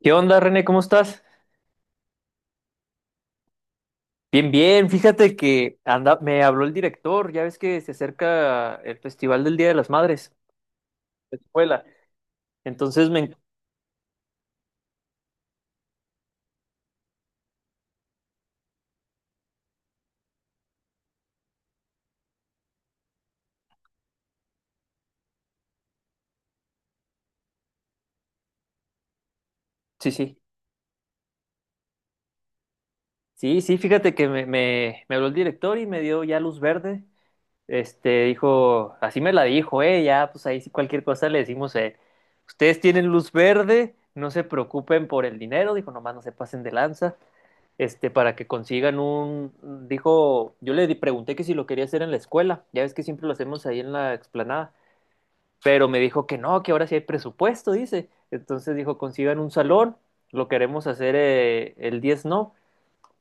¿Qué onda, René? ¿Cómo estás? Bien, bien. Fíjate que anda, me habló el director. Ya ves que se acerca el Festival del Día de las Madres, de la escuela. Entonces me... Sí, sí. Sí, sí, fíjate que me habló el director y me dio ya luz verde. Dijo, así me la dijo, ya, pues ahí sí cualquier cosa le decimos, ustedes tienen luz verde, no se preocupen por el dinero, dijo, nomás no se pasen de lanza. Para que consigan un, dijo, yo le pregunté que si lo quería hacer en la escuela, ya ves que siempre lo hacemos ahí en la explanada, pero me dijo que no, que ahora sí hay presupuesto, dice. Entonces dijo, consigan un salón, lo queremos hacer el 10 no,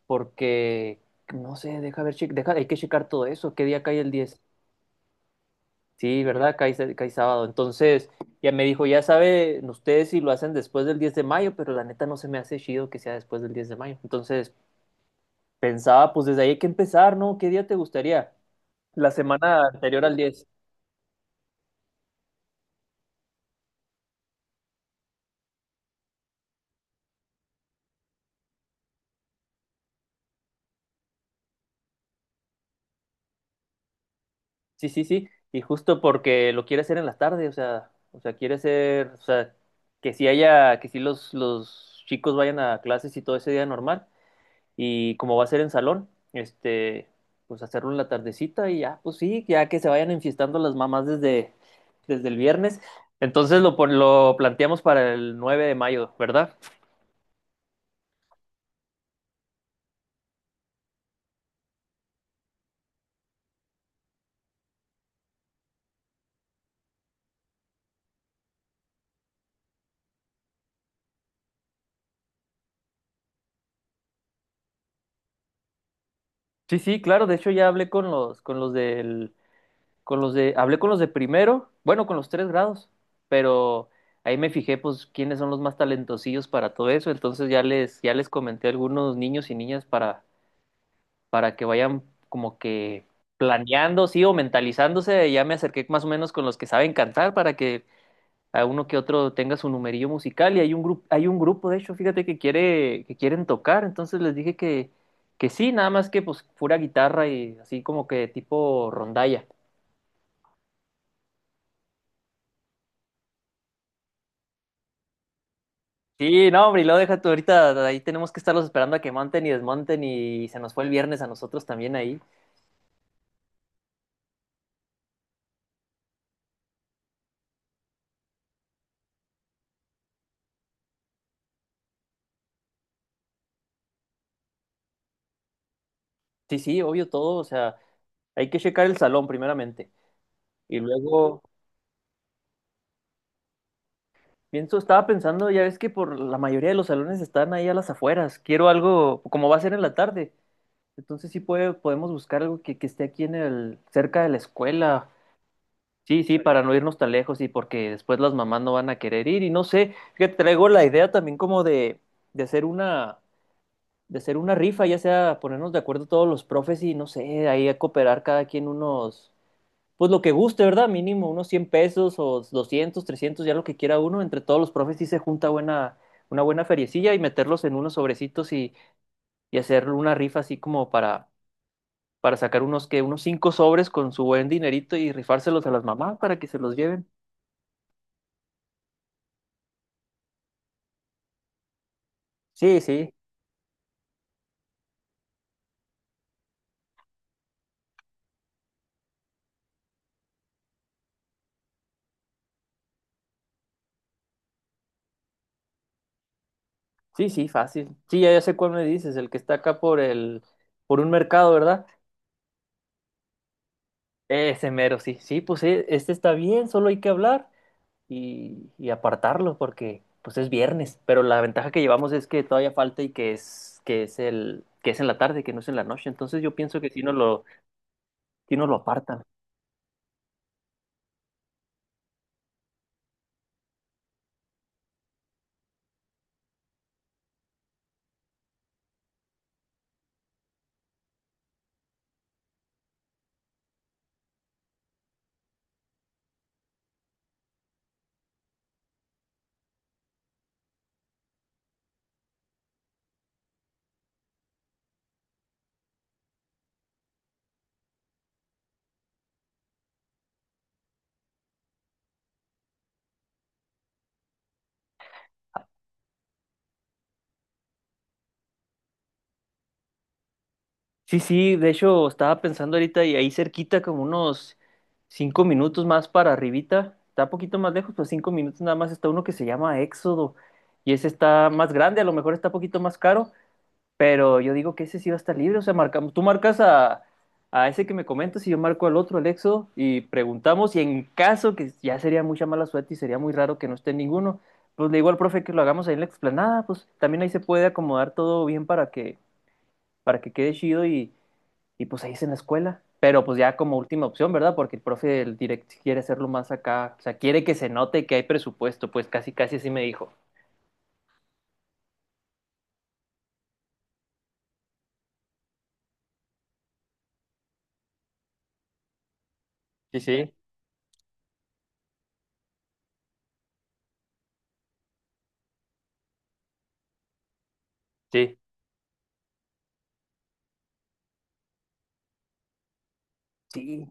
porque, no sé, deja ver, deja, hay que checar todo eso, qué día cae el 10. Sí, ¿verdad? Cae, cae sábado. Entonces, ya me dijo, ya saben ustedes si lo hacen después del 10 de mayo, pero la neta no se me hace chido que sea después del 10 de mayo. Entonces, pensaba, pues desde ahí hay que empezar, ¿no? ¿Qué día te gustaría? La semana anterior al 10. Sí, sí, sí. Y justo porque lo quiere hacer en la tarde, o sea, quiere hacer, o sea, que si haya, que si los chicos vayan a clases y todo ese día normal. Y como va a ser en salón, este, pues hacerlo en la tardecita y ya, pues sí, ya que se vayan enfiestando las mamás desde, desde el viernes. Entonces lo planteamos para el 9 de mayo, ¿verdad? Sí, sí, claro. De hecho, ya hablé con los del Con los de, hablé con los de primero, bueno, con los tres grados, pero ahí me fijé, pues, quiénes son los más talentosillos para todo eso. Entonces ya les comenté a algunos niños y niñas para que vayan como que planeando, sí, o mentalizándose. Ya me acerqué más o menos con los que saben cantar para que a uno que otro tenga su numerillo musical. Y hay un grupo, de hecho, fíjate que quiere, que quieren tocar. Entonces les dije que sí, nada más que pues pura guitarra y así como que tipo rondalla. Sí, no, hombre, y lo deja tú ahorita, ahí tenemos que estarlos esperando a que monten y desmonten y se nos fue el viernes a nosotros también ahí. Sí, sí, obvio todo, o sea, hay que checar el salón primeramente. Y luego, pienso, estaba pensando, ya ves que por la mayoría de los salones están ahí a las afueras, quiero algo, como va a ser en la tarde, entonces sí puede, podemos buscar algo que esté aquí en el, cerca de la escuela. Sí, sí, para no irnos tan lejos y porque después las mamás no van a querer ir y no sé, que traigo la idea también como de hacer una de hacer una rifa, ya sea ponernos de acuerdo todos los profes y no sé, ahí a cooperar cada quien unos, pues lo que guste, ¿verdad? Mínimo unos 100 pesos o 200 300 ya lo que quiera uno, entre todos los profes sí se junta buena, una buena feriecilla y meterlos en unos sobrecitos y hacer una rifa así como para sacar unos cinco sobres con su buen dinerito y rifárselos a las mamás para que se los lleven. Sí, sí, sí, sí, fácil. Sí, ya sé cuál me dices, el que está acá por el, por un mercado, ¿verdad? Ese mero, sí, sí, pues este está bien, solo hay que hablar y apartarlo porque pues es viernes, pero la ventaja que llevamos es que todavía falta y que es el que es en la tarde, que no es en la noche, entonces yo pienso que sí nos lo apartan. Sí, sí, de hecho estaba pensando ahorita y ahí cerquita como unos 5 minutos más para arribita, está un poquito más lejos, pues 5 minutos nada más está uno que se llama Éxodo y ese está más grande, a lo mejor está un poquito más caro, pero yo digo que ese sí va a estar libre, o sea, marcamos, tú marcas a ese que me comentas y yo marco al otro, Alexo, y preguntamos, y en caso que ya sería mucha mala suerte y sería muy raro que no esté ninguno, pues le digo al profe que lo hagamos ahí en la explanada, pues también ahí se puede acomodar todo bien para que quede chido y pues ahí es en la escuela. Pero pues ya como última opción, ¿verdad? Porque el profe del direct quiere hacerlo más acá, o sea, quiere que se note que hay presupuesto, pues casi casi así me dijo. Sí, sí, sí. Sí,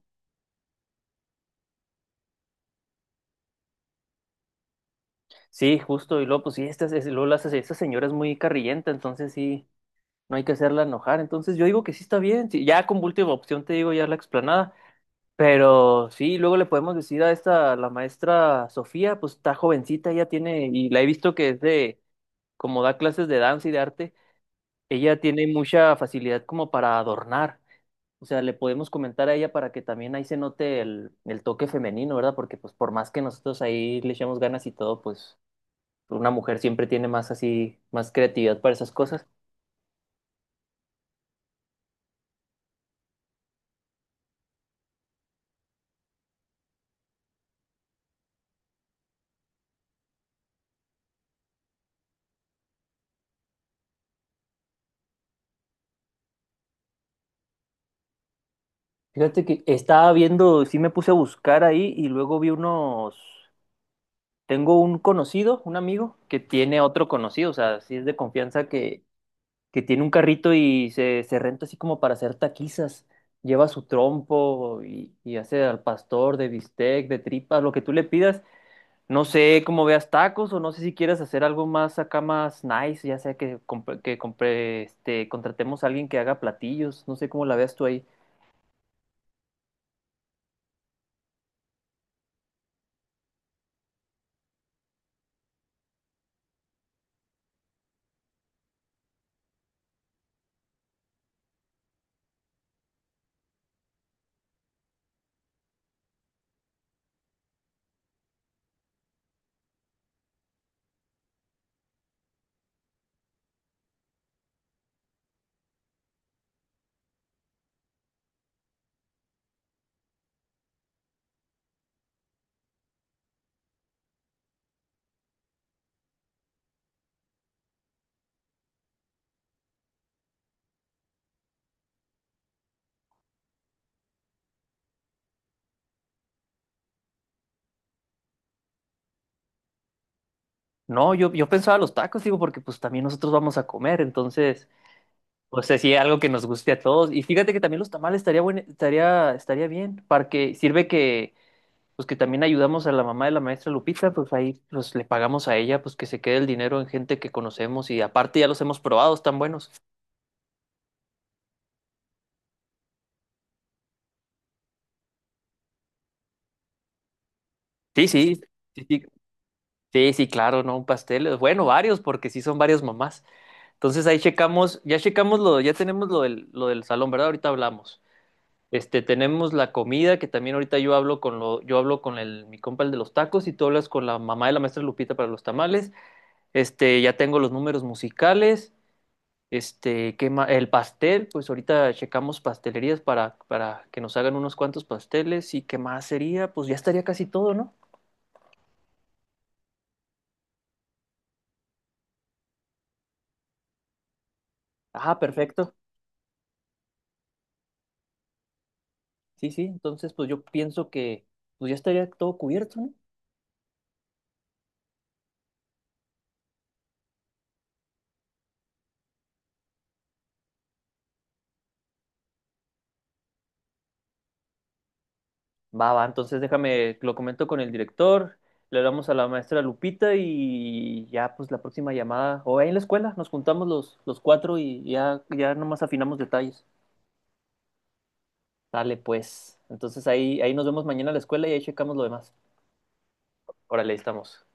sí, justo, y luego, pues sí, esta señora es muy carrillenta, entonces sí, no hay que hacerla enojar. Entonces yo digo que sí está bien, sí, ya como última opción te digo ya la explanada, pero sí, luego le podemos decir a esta, a la maestra Sofía, pues está jovencita, ella tiene, y la he visto que es de, como da clases de danza y de arte, ella tiene mucha facilidad como para adornar. O sea, le podemos comentar a ella para que también ahí se note el toque femenino, ¿verdad? Porque pues por más que nosotros ahí le echemos ganas y todo, pues... Una mujer siempre tiene más así, más creatividad para esas cosas. Fíjate que estaba viendo, sí me puse a buscar ahí y luego vi unos, tengo un conocido, un amigo, que tiene otro conocido, o sea, sí es de confianza que tiene un carrito y se renta así como para hacer taquizas. Lleva su trompo y hace al pastor de bistec, de tripas, lo que tú le pidas. No sé cómo veas tacos o no sé si quieres hacer algo más acá más nice, ya sea que, que compre, contratemos a alguien que haga platillos, no sé cómo la veas tú ahí. No, yo pensaba los tacos, digo, porque pues también nosotros vamos a comer, entonces, pues sí, algo que nos guste a todos. Y fíjate que también los tamales estaría bien, para que sirve que, pues que también ayudamos a la mamá de la maestra Lupita, pues ahí pues le pagamos a ella, pues que se quede el dinero en gente que conocemos y aparte ya los hemos probado, están buenos. Sí, sí. Sí, sí, sí, sí, claro, ¿no? Un pastel. Bueno, varios, porque sí son varias mamás. Entonces ahí checamos, ya checamos lo, ya tenemos lo del salón, ¿verdad? Ahorita hablamos. Tenemos la comida, que también ahorita yo hablo con lo, yo hablo con el, mi compa el de los tacos, y tú hablas con la mamá de la maestra Lupita para los tamales. Ya tengo los números musicales. El pastel, pues ahorita checamos pastelerías para que nos hagan unos cuantos pasteles. ¿Y qué más sería? Pues ya estaría casi todo, ¿no? Ah, perfecto. Sí, sí, entonces pues yo pienso que pues ya estaría todo cubierto, ¿no? Va, va, entonces déjame, lo comento con el director, le hablamos a la maestra Lupita y ya pues la próxima llamada, o ahí en la escuela, nos juntamos los cuatro y ya nomás afinamos detalles. Dale, pues. Entonces ahí nos vemos mañana a la escuela y ahí checamos lo demás. Órale, ahí estamos.